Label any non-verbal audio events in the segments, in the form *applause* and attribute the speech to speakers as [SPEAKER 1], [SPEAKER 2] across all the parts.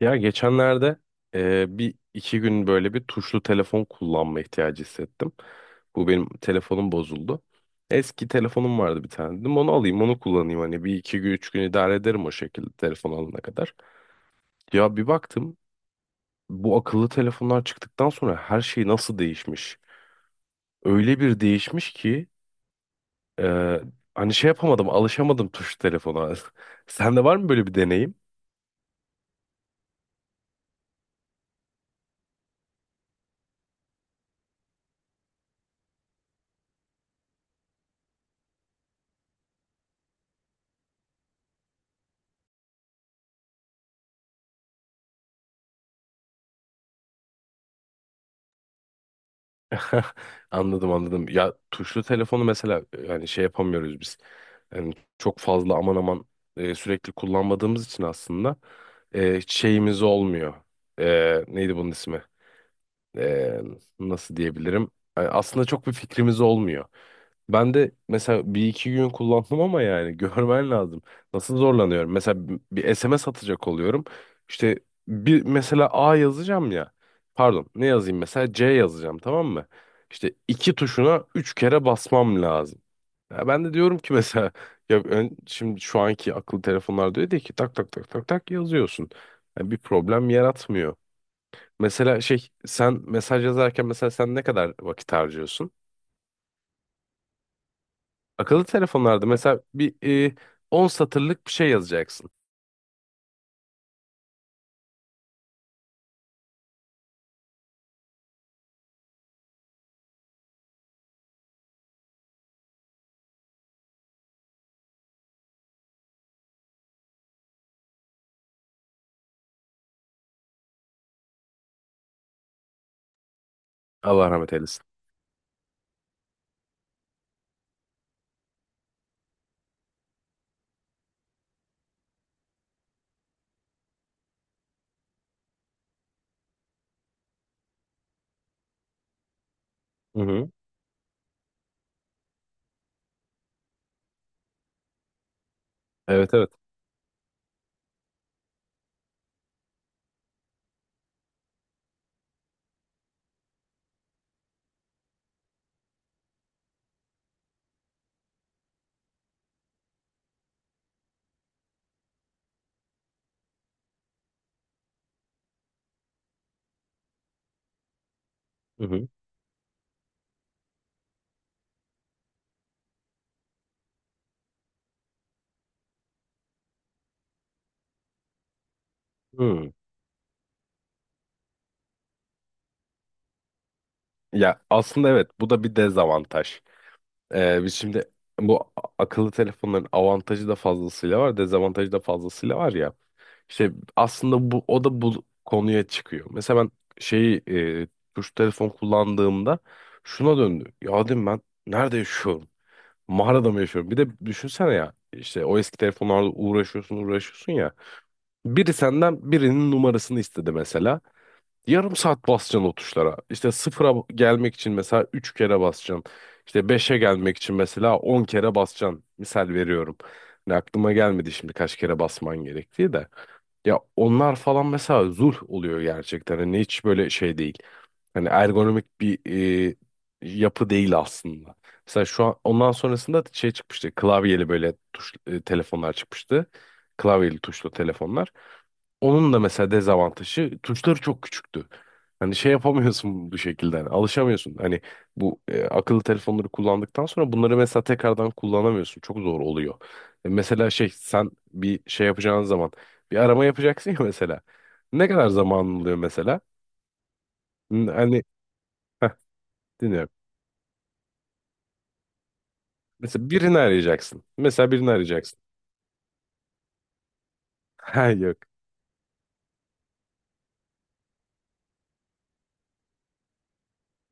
[SPEAKER 1] Ya geçenlerde bir iki gün böyle bir tuşlu telefon kullanma ihtiyacı hissettim. Bu benim telefonum bozuldu. Eski telefonum vardı bir tane. Dedim onu alayım onu kullanayım hani bir iki gün üç gün idare ederim o şekilde telefon alana kadar. Ya bir baktım bu akıllı telefonlar çıktıktan sonra her şey nasıl değişmiş. Öyle bir değişmiş ki e, hani şey yapamadım alışamadım tuşlu telefona. *laughs* Sende var mı böyle bir deneyim? *laughs* Anladım anladım. Ya tuşlu telefonu mesela yani şey yapamıyoruz biz. Yani çok fazla aman aman sürekli kullanmadığımız için aslında hiç şeyimiz olmuyor. E, neydi bunun ismi? e, Nasıl diyebilirim? Yani aslında çok bir fikrimiz olmuyor. Ben de mesela bir iki gün kullandım ama yani *laughs* görmen lazım. Nasıl zorlanıyorum. Mesela bir SMS atacak oluyorum. İşte bir mesela A yazacağım ya. Pardon ne yazayım mesela C yazacağım tamam mı? İşte iki tuşuna üç kere basmam lazım. Ya ben de diyorum ki mesela *laughs* ya şimdi şu anki akıllı telefonlar diyor diye ki tak tak tak tak tak yazıyorsun. Yani bir problem yaratmıyor. Mesela şey sen mesaj yazarken mesela sen ne kadar vakit harcıyorsun? Akıllı telefonlarda mesela bir e, 10 satırlık bir şey yazacaksın. Allah rahmet eylesin. Hı hı. Evet evet. Hı hı. Hı. Ya aslında evet bu da bir dezavantaj. Biz şimdi bu akıllı telefonların avantajı da fazlasıyla var, dezavantajı da fazlasıyla var ya. İşte aslında bu o da bu konuya çıkıyor. Mesela ben şeyi e, tuş telefon kullandığımda şuna döndü. Ya dedim ben nerede yaşıyorum? Mağarada mı yaşıyorum? Bir de düşünsene ya işte o eski telefonlarla uğraşıyorsun ya. Biri senden birinin numarasını istedi mesela. Yarım saat basacaksın o tuşlara. İşte sıfıra gelmek için mesela 3 kere basacaksın. İşte beşe gelmek için mesela 10 kere basacaksın. Misal veriyorum. Yani aklıma gelmedi şimdi kaç kere basman gerektiği de. Ya onlar falan mesela zul oluyor gerçekten. Hani hiç böyle şey değil. Hani ergonomik bir e, yapı değil aslında. Mesela şu an ondan sonrasında şey çıkmıştı. Klavyeli böyle tuş telefonlar çıkmıştı. Klavyeli tuşlu telefonlar. Onun da mesela dezavantajı tuşları çok küçüktü. Hani şey yapamıyorsun bu şekilde. Hani alışamıyorsun. Hani bu akıllı telefonları kullandıktan sonra bunları mesela tekrardan kullanamıyorsun. Çok zor oluyor. E, mesela şey sen bir şey yapacağın zaman bir arama yapacaksın ya *laughs* mesela. Ne kadar zaman oluyor mesela? Hani heh, dinliyorum. Mesela birini arayacaksın. Mesela birini arayacaksın. *laughs* Ha yok.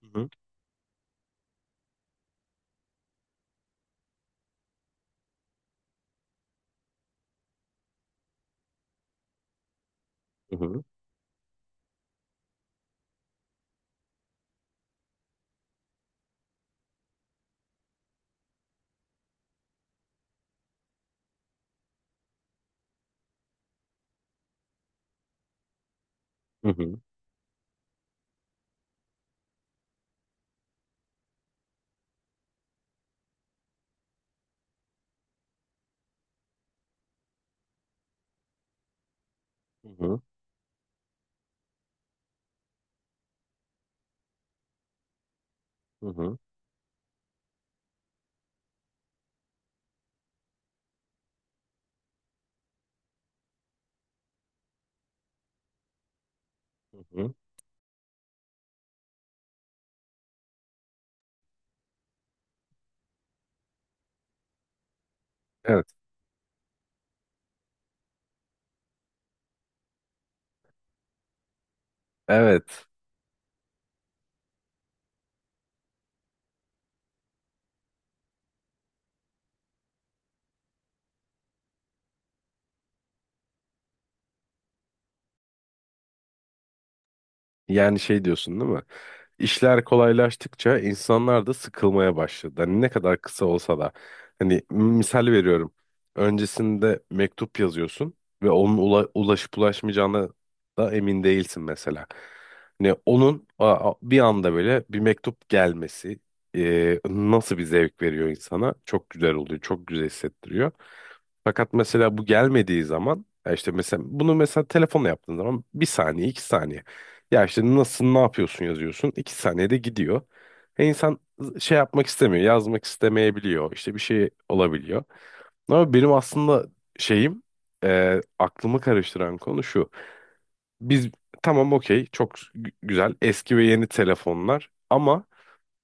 [SPEAKER 1] Hı hı. Hı hı. Hı hı. Hı hı. Hı hı. Hı hı. Evet. Evet. Yani şey diyorsun değil mi? İşler kolaylaştıkça insanlar da sıkılmaya başladı. Hani ne kadar kısa olsa da. Hani misal veriyorum. Öncesinde mektup yazıyorsun ve onun ulaşıp ulaşmayacağına da emin değilsin mesela. Hani onun bir anda böyle bir mektup gelmesi nasıl bir zevk veriyor insana? Çok güzel oluyor, çok güzel hissettiriyor. Fakat mesela bu gelmediği zaman ya işte mesela bunu mesela telefonla yaptığın zaman bir saniye, iki saniye. Ya işte nasılsın, ne yapıyorsun yazıyorsun. İki saniyede gidiyor. E insan şey yapmak istemiyor, yazmak istemeyebiliyor. İşte bir şey olabiliyor. Ama benim aslında şeyim, aklımı karıştıran konu şu. Biz tamam okey, çok güzel eski ve yeni telefonlar ama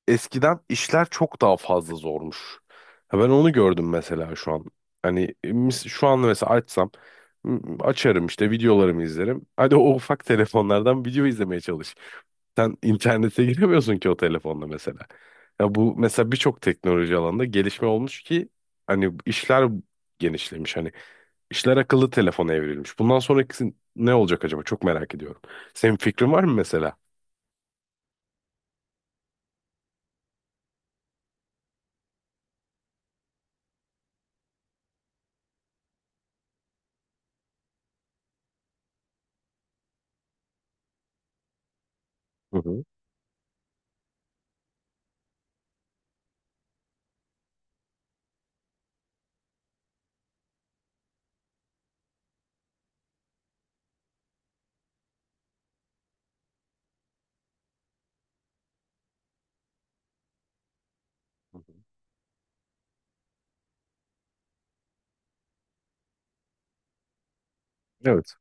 [SPEAKER 1] eskiden işler çok daha fazla zormuş. Ha, ben onu gördüm mesela şu an. Hani şu an mesela açsam açarım işte videolarımı izlerim. Hadi o ufak telefonlardan video izlemeye çalış. Sen internete *laughs* giremiyorsun ki o telefonla mesela. Ya bu mesela birçok teknoloji alanında gelişme olmuş ki hani işler genişlemiş. Hani İşler akıllı telefona evrilmiş. Bundan sonrakisi ne olacak acaba? Çok merak ediyorum. Senin fikrin var mı mesela? Hı hı. Hı hı. Evet.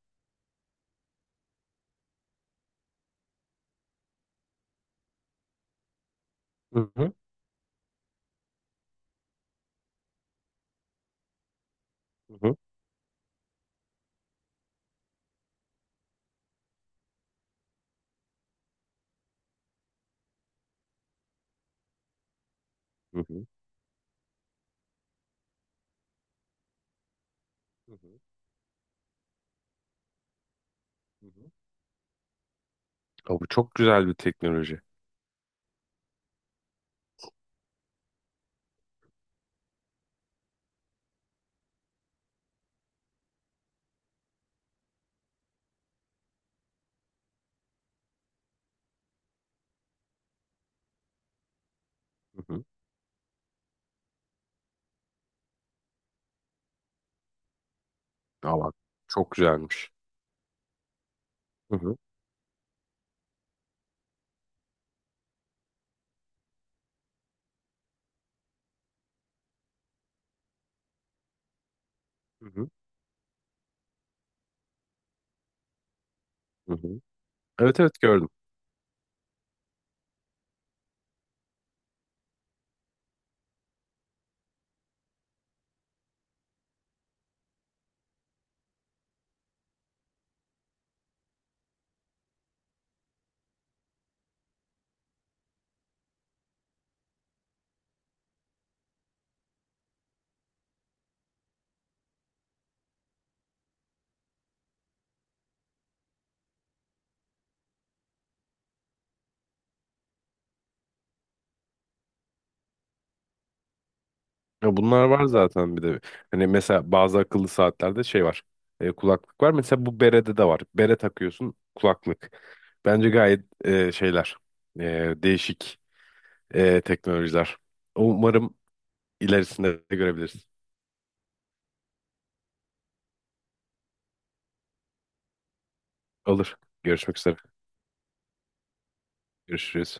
[SPEAKER 1] Hı hı. Hı hı. Hı hı. Hı hı. Hı hı. Aa, bu çok güzel bir teknoloji. Hı hı. Aa, bak, çok güzelmiş. Hı hı. Hı hı. Hı hı. Evet evet gördüm. Ya bunlar var zaten bir de. Hani mesela bazı akıllı saatlerde şey var. Kulaklık var. Mesela bu berede de var. Bere takıyorsun kulaklık. Bence gayet şeyler. Değişik teknolojiler. Umarım ilerisinde de görebiliriz. Olur. Görüşmek üzere. Görüşürüz.